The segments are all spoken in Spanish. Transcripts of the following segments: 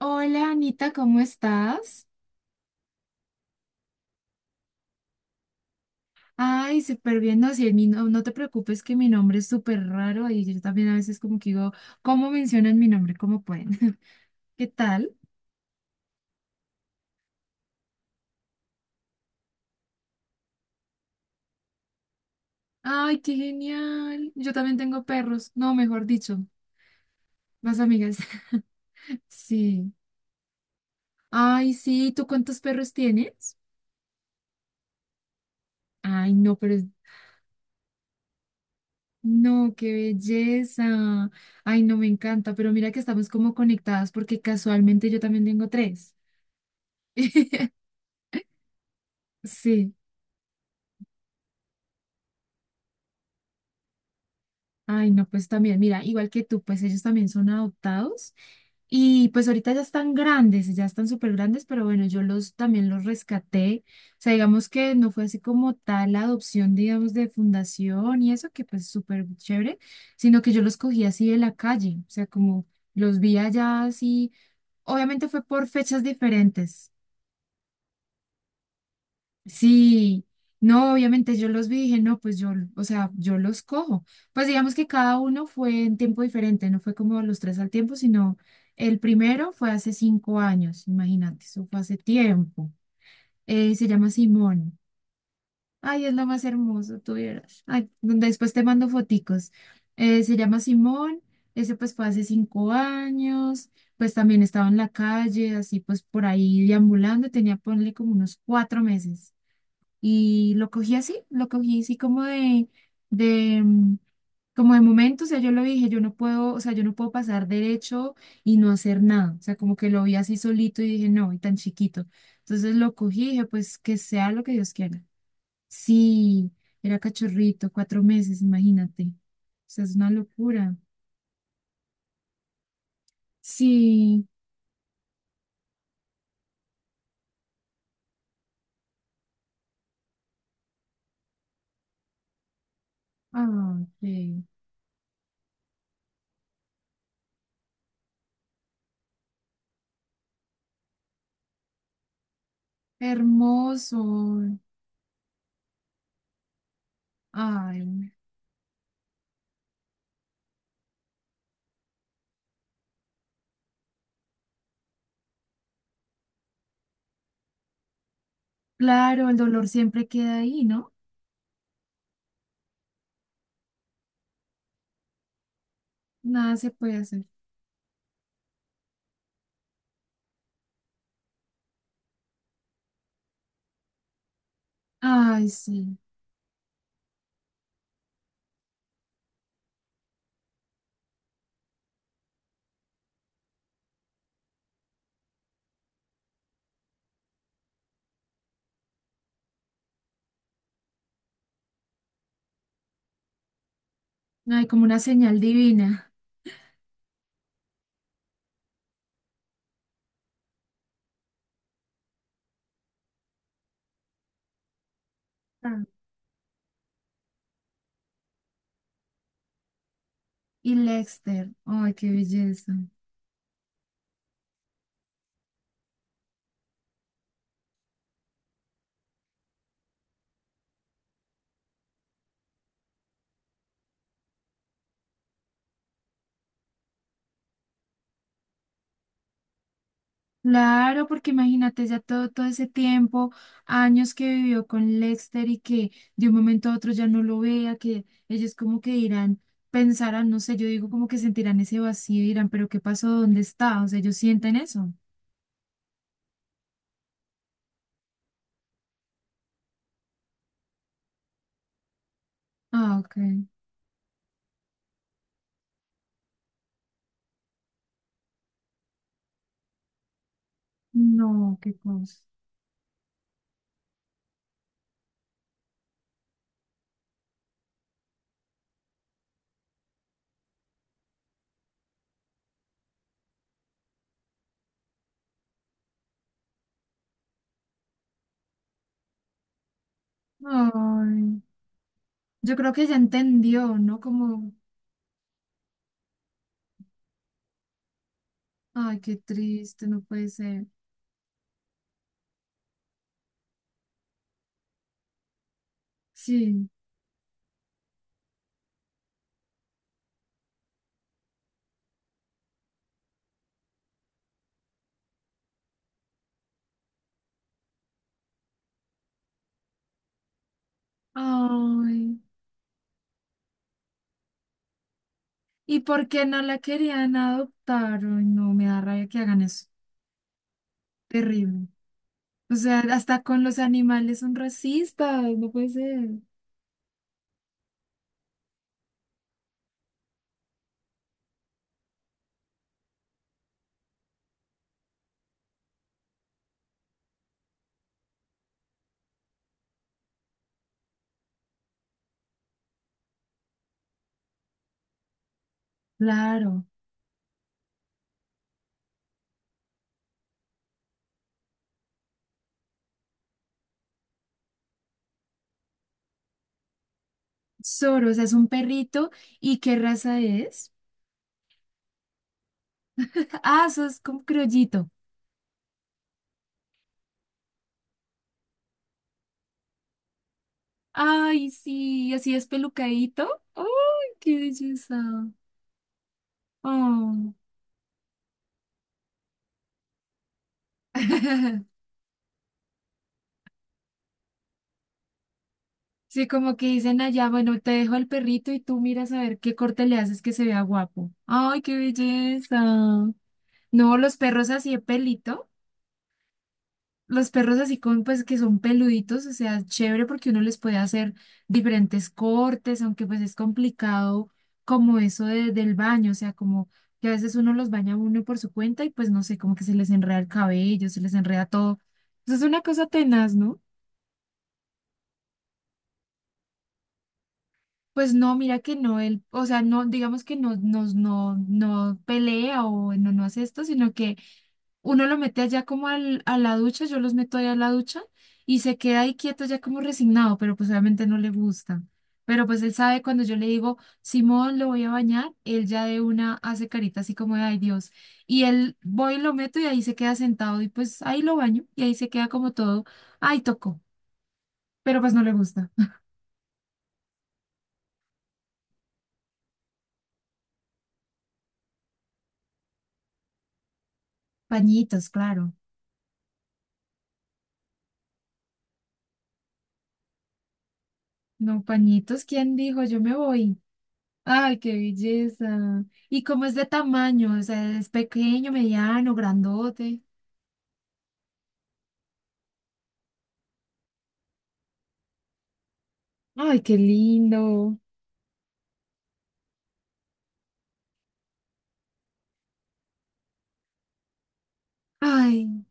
Hola Anita, ¿cómo estás? Ay, súper bien. No, sí, mi no, no te preocupes que mi nombre es súper raro y yo también a veces como que digo, ¿cómo mencionan mi nombre? ¿Cómo pueden? ¿Qué tal? Ay, qué genial. Yo también tengo perros. No, mejor dicho, más amigas. Sí. Ay, sí, ¿tú cuántos perros tienes? Ay, no, pero es- No, qué belleza. Ay, no, me encanta, pero mira que estamos como conectadas porque casualmente yo también tengo tres. Sí. Ay, no, pues también, mira, igual que tú, pues ellos también son adoptados y pues ahorita ya están grandes, ya están súper grandes, pero bueno, yo los también los rescaté. O sea, digamos que no fue así como tal la adopción, digamos, de fundación y eso, que pues súper chévere, sino que yo los cogí así de la calle, o sea, como los vi allá así, obviamente fue por fechas diferentes. Sí, no, obviamente yo los vi y dije, no, pues yo, o sea, yo los cojo. Pues digamos que cada uno fue en tiempo diferente, no fue como los tres al tiempo, sino el primero fue hace 5 años, imagínate, eso fue hace tiempo. Se llama Simón. Ay, es lo más hermoso, tú vieras. Ay, después te mando foticos. Se llama Simón, ese pues fue hace 5 años, pues también estaba en la calle, así pues por ahí deambulando, tenía, ponle como unos 4 meses. Y lo cogí así como de, mm, como de momento, o sea, yo lo dije, yo no puedo, o sea, yo no puedo pasar derecho y no hacer nada, o sea, como que lo vi así solito y dije, no, y tan chiquito. Entonces lo cogí y dije, pues que sea lo que Dios quiera. Sí, era cachorrito, 4 meses, imagínate. O sea, es una locura. Sí, ay, qué hermoso. Ay, claro, el dolor siempre queda ahí, ¿no? Nada se puede hacer. Ay, sí. Ay, como una señal divina. Ah. Y Lexter. Ay, qué belleza. Claro, porque imagínate ya todo, todo ese tiempo, años que vivió con Lexter y que de un momento a otro ya no lo vea, que ellos como que dirán, pensarán, no sé, yo digo como que sentirán ese vacío y dirán, pero ¿qué pasó? ¿Dónde está? O sea, ellos sienten eso. Ah, ok. No, qué cosa. Ay, yo creo que ya entendió, ¿no? Como, ay, qué triste, no puede ser. Sí. Ay, ¿y por qué no la querían adoptar? Ay, no, me da rabia que hagan eso. Terrible. O sea, hasta con los animales son racistas, no puede ser. Claro. Soros o sea, es un perrito. ¿Y qué raza es? Ah, sos como criollito. Ay, sí, así es pelucadito. Ay, qué belleza. Oh. Sí, como que dicen allá, bueno, te dejo al perrito y tú miras a ver qué corte le haces que se vea guapo. ¡Ay, qué belleza! No, los perros así de pelito, los perros así con, pues, que son peluditos, o sea, chévere porque uno les puede hacer diferentes cortes, aunque pues es complicado como del baño, o sea, como que a veces uno los baña uno por su cuenta y pues no sé, como que se les enreda el cabello, se les enreda todo. Eso es una cosa tenaz, ¿no? Pues no, mira que no, él, o sea, no, digamos que no, nos no, no pelea o no, no hace esto, sino que uno lo mete allá como a la ducha, yo los meto allá a la ducha y se queda ahí quieto ya como resignado, pero pues obviamente no le gusta. Pero pues él sabe cuando yo le digo, Simón, lo voy a bañar, él ya de una hace carita así como de, ay Dios. Y él voy y lo meto y ahí se queda sentado y pues ahí lo baño y ahí se queda como todo, ay tocó, pero pues no le gusta. Pañitos, claro. No, pañitos, ¿quién dijo? Yo me voy. Ay, qué belleza. ¿Y cómo es de tamaño? O sea, ¿es pequeño, mediano, grandote? Ay, qué lindo. Ay.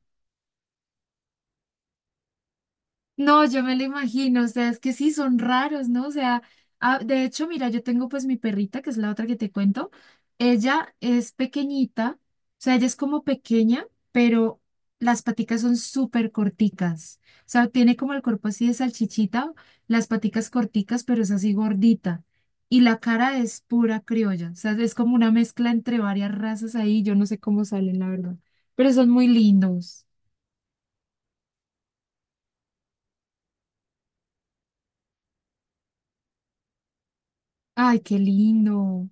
No, yo me lo imagino, o sea, es que sí, son raros, ¿no? O sea, ah, de hecho, mira, yo tengo pues mi perrita, que es la otra que te cuento, ella es pequeñita, o sea, ella es como pequeña, pero las paticas son súper corticas, o sea, tiene como el cuerpo así de salchichita, las paticas corticas, pero es así gordita, y la cara es pura criolla, o sea, es como una mezcla entre varias razas ahí, yo no sé cómo salen, la verdad, pero son muy lindos. Ay, qué lindo.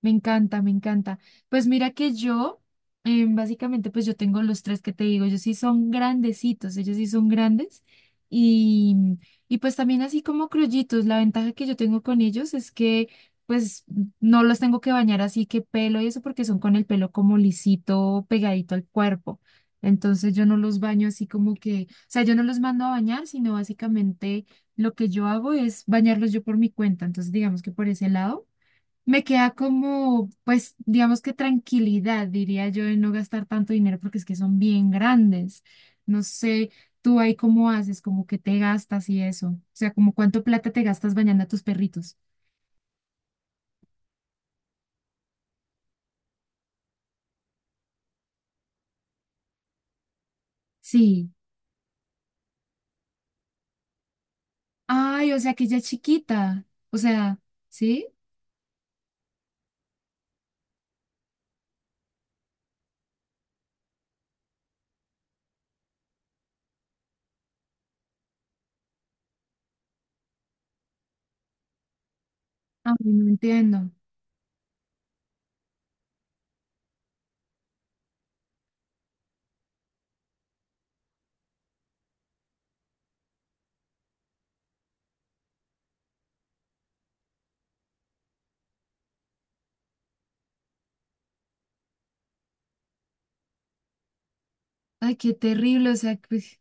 Me encanta, me encanta. Pues mira que yo, básicamente, pues yo tengo los tres que te digo, ellos sí son grandecitos, ellos sí son grandes y, y pues también así como criollitos, la ventaja que yo tengo con ellos es que pues no los tengo que bañar así que pelo y eso porque son con el pelo como lisito, pegadito al cuerpo. Entonces yo no los baño así como que, o sea, yo no los mando a bañar, sino básicamente lo que yo hago es bañarlos yo por mi cuenta. Entonces digamos que por ese lado. Me queda como, pues, digamos que tranquilidad, diría yo, de no gastar tanto dinero porque es que son bien grandes. No sé, tú ahí cómo haces, como que te gastas y eso. O sea, como cuánto plata te gastas bañando a tus perritos. Sí. Ay, o sea, que ella es chiquita. O sea, ¿sí? Ay, no entiendo. Ay, qué terrible. O sea, que...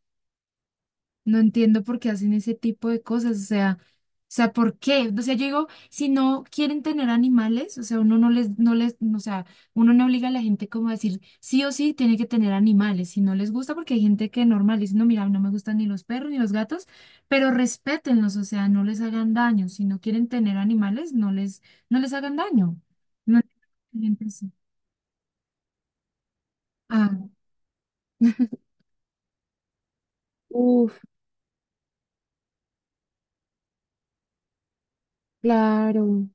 No entiendo por qué hacen ese tipo de cosas, o sea, ¿por qué? O sea, yo digo, si no quieren tener animales, o sea, uno no les, no les, o sea, uno no obliga a la gente como a decir, sí o sí tiene que tener animales, si no les gusta, porque hay gente que normal dice, no, mira, no me gustan ni los perros ni los gatos, pero respétenlos, o sea, no les hagan daño, si no quieren tener animales, no les hagan daño. No, entiendo a la gente así. Ah, Uf, claro.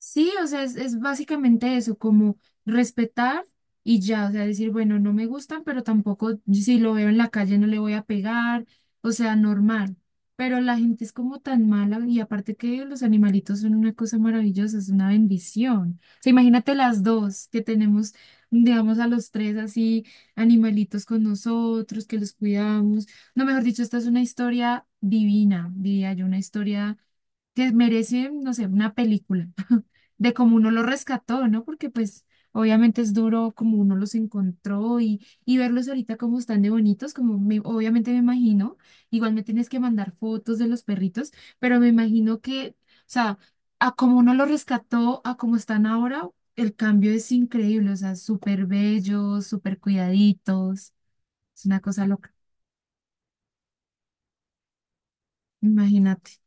Sí, o sea, es básicamente eso, como respetar y ya, o sea, decir, bueno, no me gustan, pero tampoco si lo veo en la calle no le voy a pegar, o sea, normal. Pero la gente es como tan mala y aparte que los animalitos son una cosa maravillosa, es una bendición. O sea, imagínate las dos que tenemos, digamos, a los tres así, animalitos con nosotros, que los cuidamos. No, mejor dicho, esta es una historia divina, diría yo, una historia que merece, no sé, una película de cómo uno los rescató, ¿no? Porque pues obviamente es duro como uno los encontró y verlos ahorita como están de bonitos, como me- obviamente me imagino, igual me tienes que mandar fotos de los perritos, pero me imagino que, o sea, a como uno los rescató, a como están ahora, el cambio es increíble, o sea, súper bellos, súper cuidaditos, es una cosa loca, imagínate.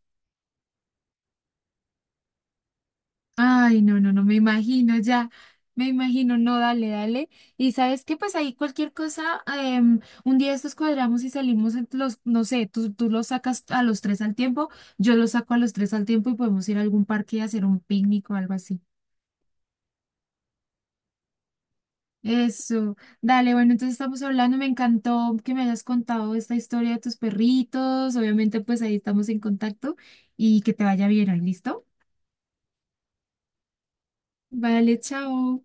Ay, no, no, no, me imagino ya, me imagino, no, dale, dale. Y sabes que pues ahí cualquier cosa, em, un día estos cuadramos y salimos en los, no sé, tú los sacas a los tres al tiempo, yo los saco a los tres al tiempo y podemos ir a algún parque y hacer un picnic o algo así. Eso, dale, bueno, entonces estamos hablando, me encantó que me hayas contado esta historia de tus perritos, obviamente pues ahí estamos en contacto y que te vaya bien, ¿listo? Vale, chao.